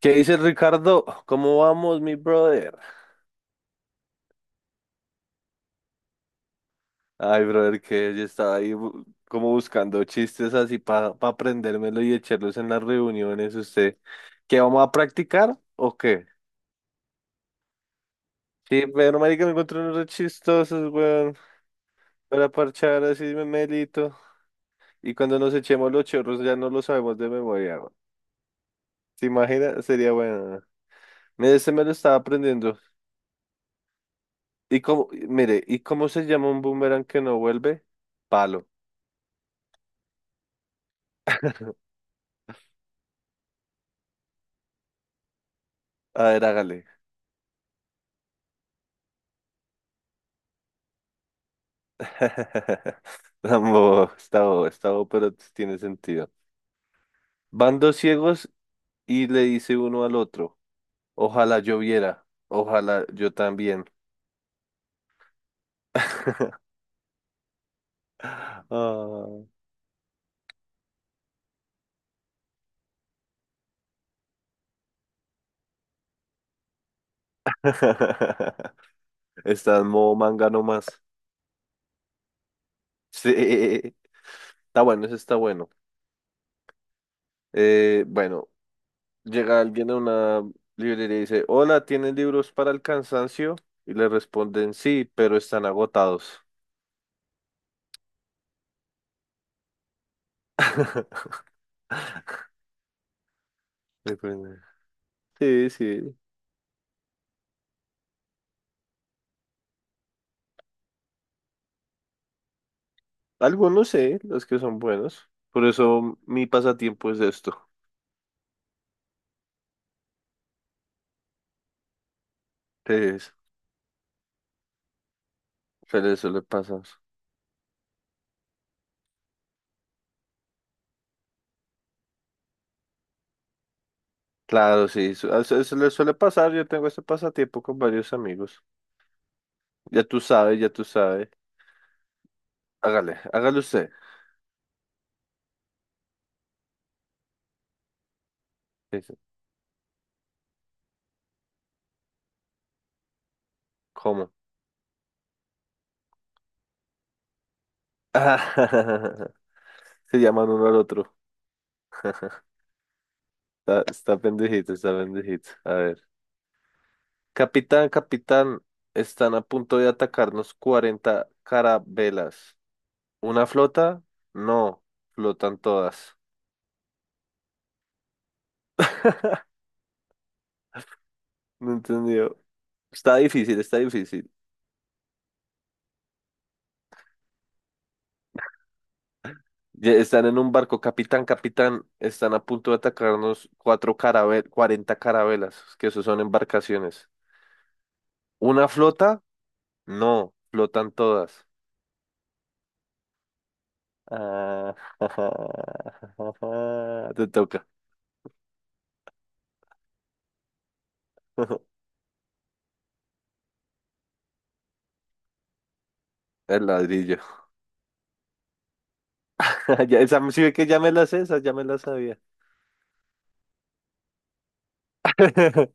¿Qué dice Ricardo? ¿Cómo vamos, mi brother? Ay, brother, que yo estaba ahí como buscando chistes así para aprendérmelo y echarlos en las reuniones. ¿Usted qué vamos a practicar o qué? Sí, pero marica, me encontré unos re chistosos, weón, para parchar así me melito. Y cuando nos echemos los chorros ya no lo sabemos de memoria, weón. ¿Se imagina? Sería bueno. Mire, este me lo estaba aprendiendo. ¿Y cómo, mire, ¿y cómo se llama un boomerang que no vuelve? Palo. A ver, hágale. Tampoco, está bobo, pero tiene sentido. Van dos ciegos y le dice uno al otro, ojalá yo viera, ojalá yo también. Ah. Está en modo manga nomás. Sí, está bueno, eso está bueno. Bueno, llega alguien a una librería y dice, hola, ¿tienen libros para el cansancio? Y le responden, sí, pero están agotados. Sí, sí, algunos sé, los que son buenos. Por eso mi pasatiempo es esto. Pues, se le suele pasar. Claro, sí, se le suele pasar. Yo tengo este pasatiempo con varios amigos. Ya tú sabes, ya tú sabes. Hágale, hágale usted. Dice, ¿cómo? Se llaman uno al otro. Está pendejito, está pendejito. A ver. Capitán, capitán, están a punto de atacarnos 40 carabelas. ¿Una flota? No, flotan todas. No entendió. Está difícil, está difícil. Ya están en un barco, capitán, capitán. Están a punto de atacarnos cuatro carabel 40 carabelas, que eso son embarcaciones. ¿Una flota? No, flotan todas. Ah, te toca. El ladrillo. Ya, esa, sí ve que ya me la sé, esa ya me la sabía.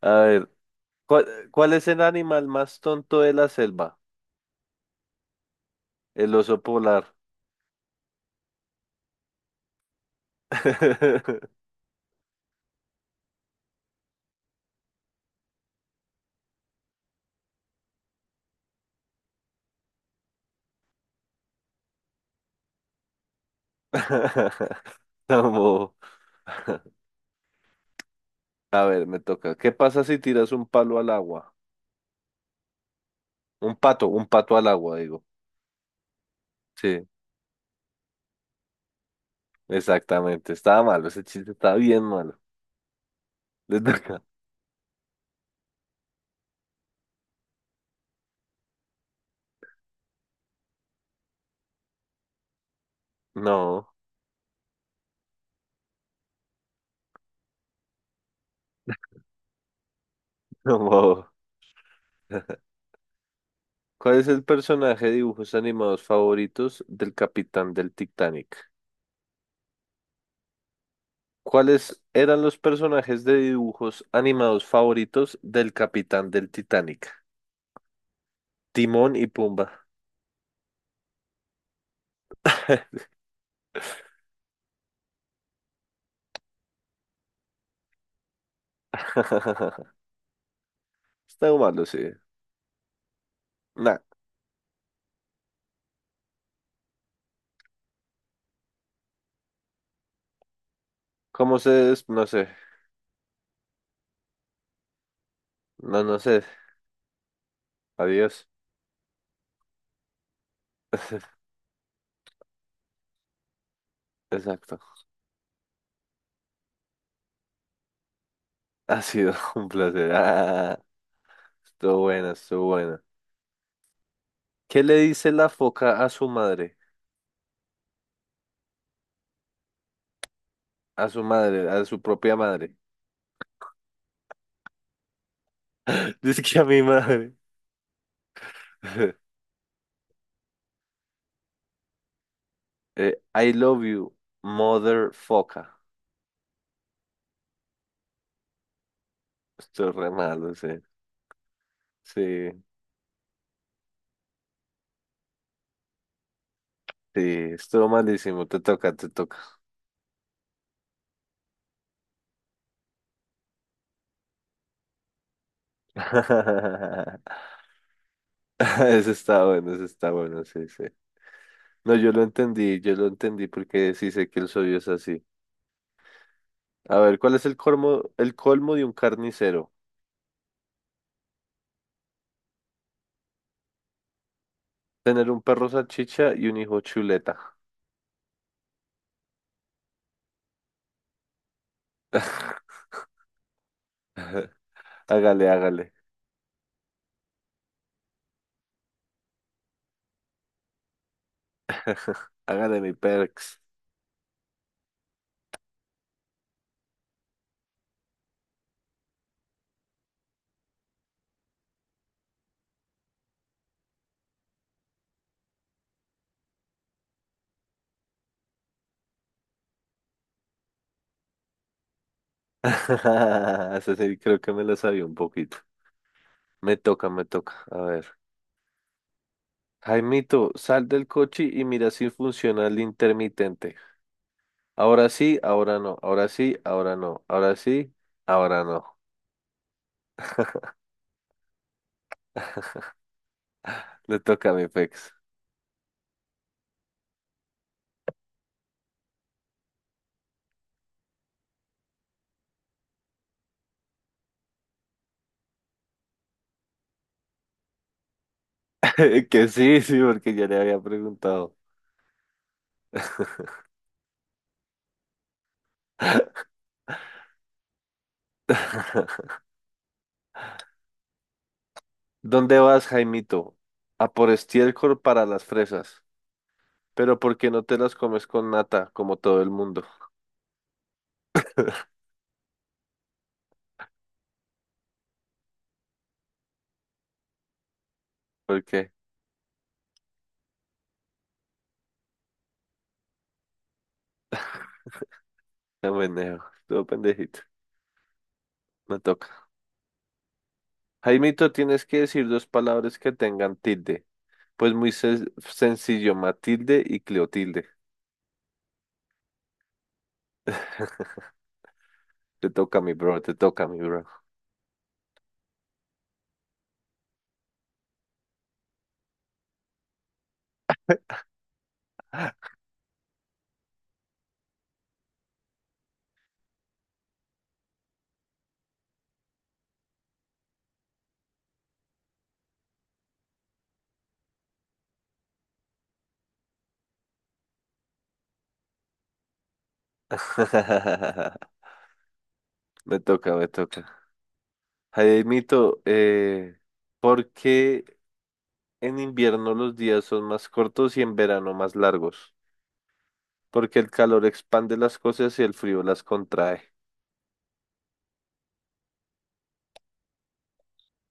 A ver, ¿cuál, cuál es el animal más tonto de la selva? El oso polar. Vamos a ver, me toca. ¿Qué pasa si tiras un palo al agua? Un pato al agua, digo. Sí, exactamente. Estaba malo, ese chiste estaba bien malo. Le toca. No, como. ¿Cuál es el personaje de dibujos animados favoritos del capitán del Titanic? ¿Cuáles eran los personajes de dibujos animados favoritos del capitán del Titanic? Timón y Pumba. Está malo, sí. Nah, ¿cómo se des- No sé. No, no sé. Adiós. Exacto. Ha sido un placer. Ah, estuvo buena, estuvo buena. ¿Qué le dice la foca a su madre? A su madre, a su propia madre. Dice que a mi madre. I love you, mother foca. Estuvo re malo, sí. Sí, sí, estuvo malísimo. Te toca, te toca. Eso está bueno, sí, sí. No, yo lo entendí porque sí sé que el sodio es así. A ver, ¿cuál es el colmo de un carnicero? Tener un perro salchicha y un hijo chuleta. Hágale, hágale. Hágale mi perks. Ese sí, creo que me lo sabía un poquito. Me toca, me toca. A ver. Jaimito, sal del coche y mira si funciona el intermitente. Ahora sí, ahora no. Ahora sí, ahora no. Ahora sí, ahora no. Le toca a mi pex. Que sí, sí, porque ya le había preguntado. ¿Dónde vas, Jaimito? A por estiércol para las fresas. Pero ¿por qué no te las comes con nata, como todo el mundo? ¿Por qué? No meneo, todo pendejito. Me toca. Jaimito, tienes que decir dos palabras que tengan tilde. Pues muy sencillo, Matilde y Cleotilde. Te toca, mi bro, te toca, mi bro. Me toca, me toca. Jaimito, ¿por qué en invierno los días son más cortos y en verano más largos? Porque el calor expande las cosas y el frío las contrae.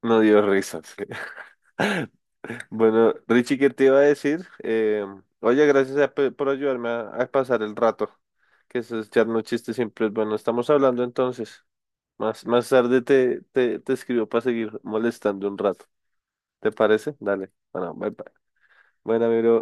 No dio risas. Bueno, Richie, ¿qué te iba a decir? Oye, gracias por ayudarme a pasar el rato, que eso es echarnos chistes siempre es bueno. Estamos hablando entonces. Más tarde te escribo para seguir molestando un rato. ¿Te parece? Dale. Bueno, bye bye. Bueno, amigo.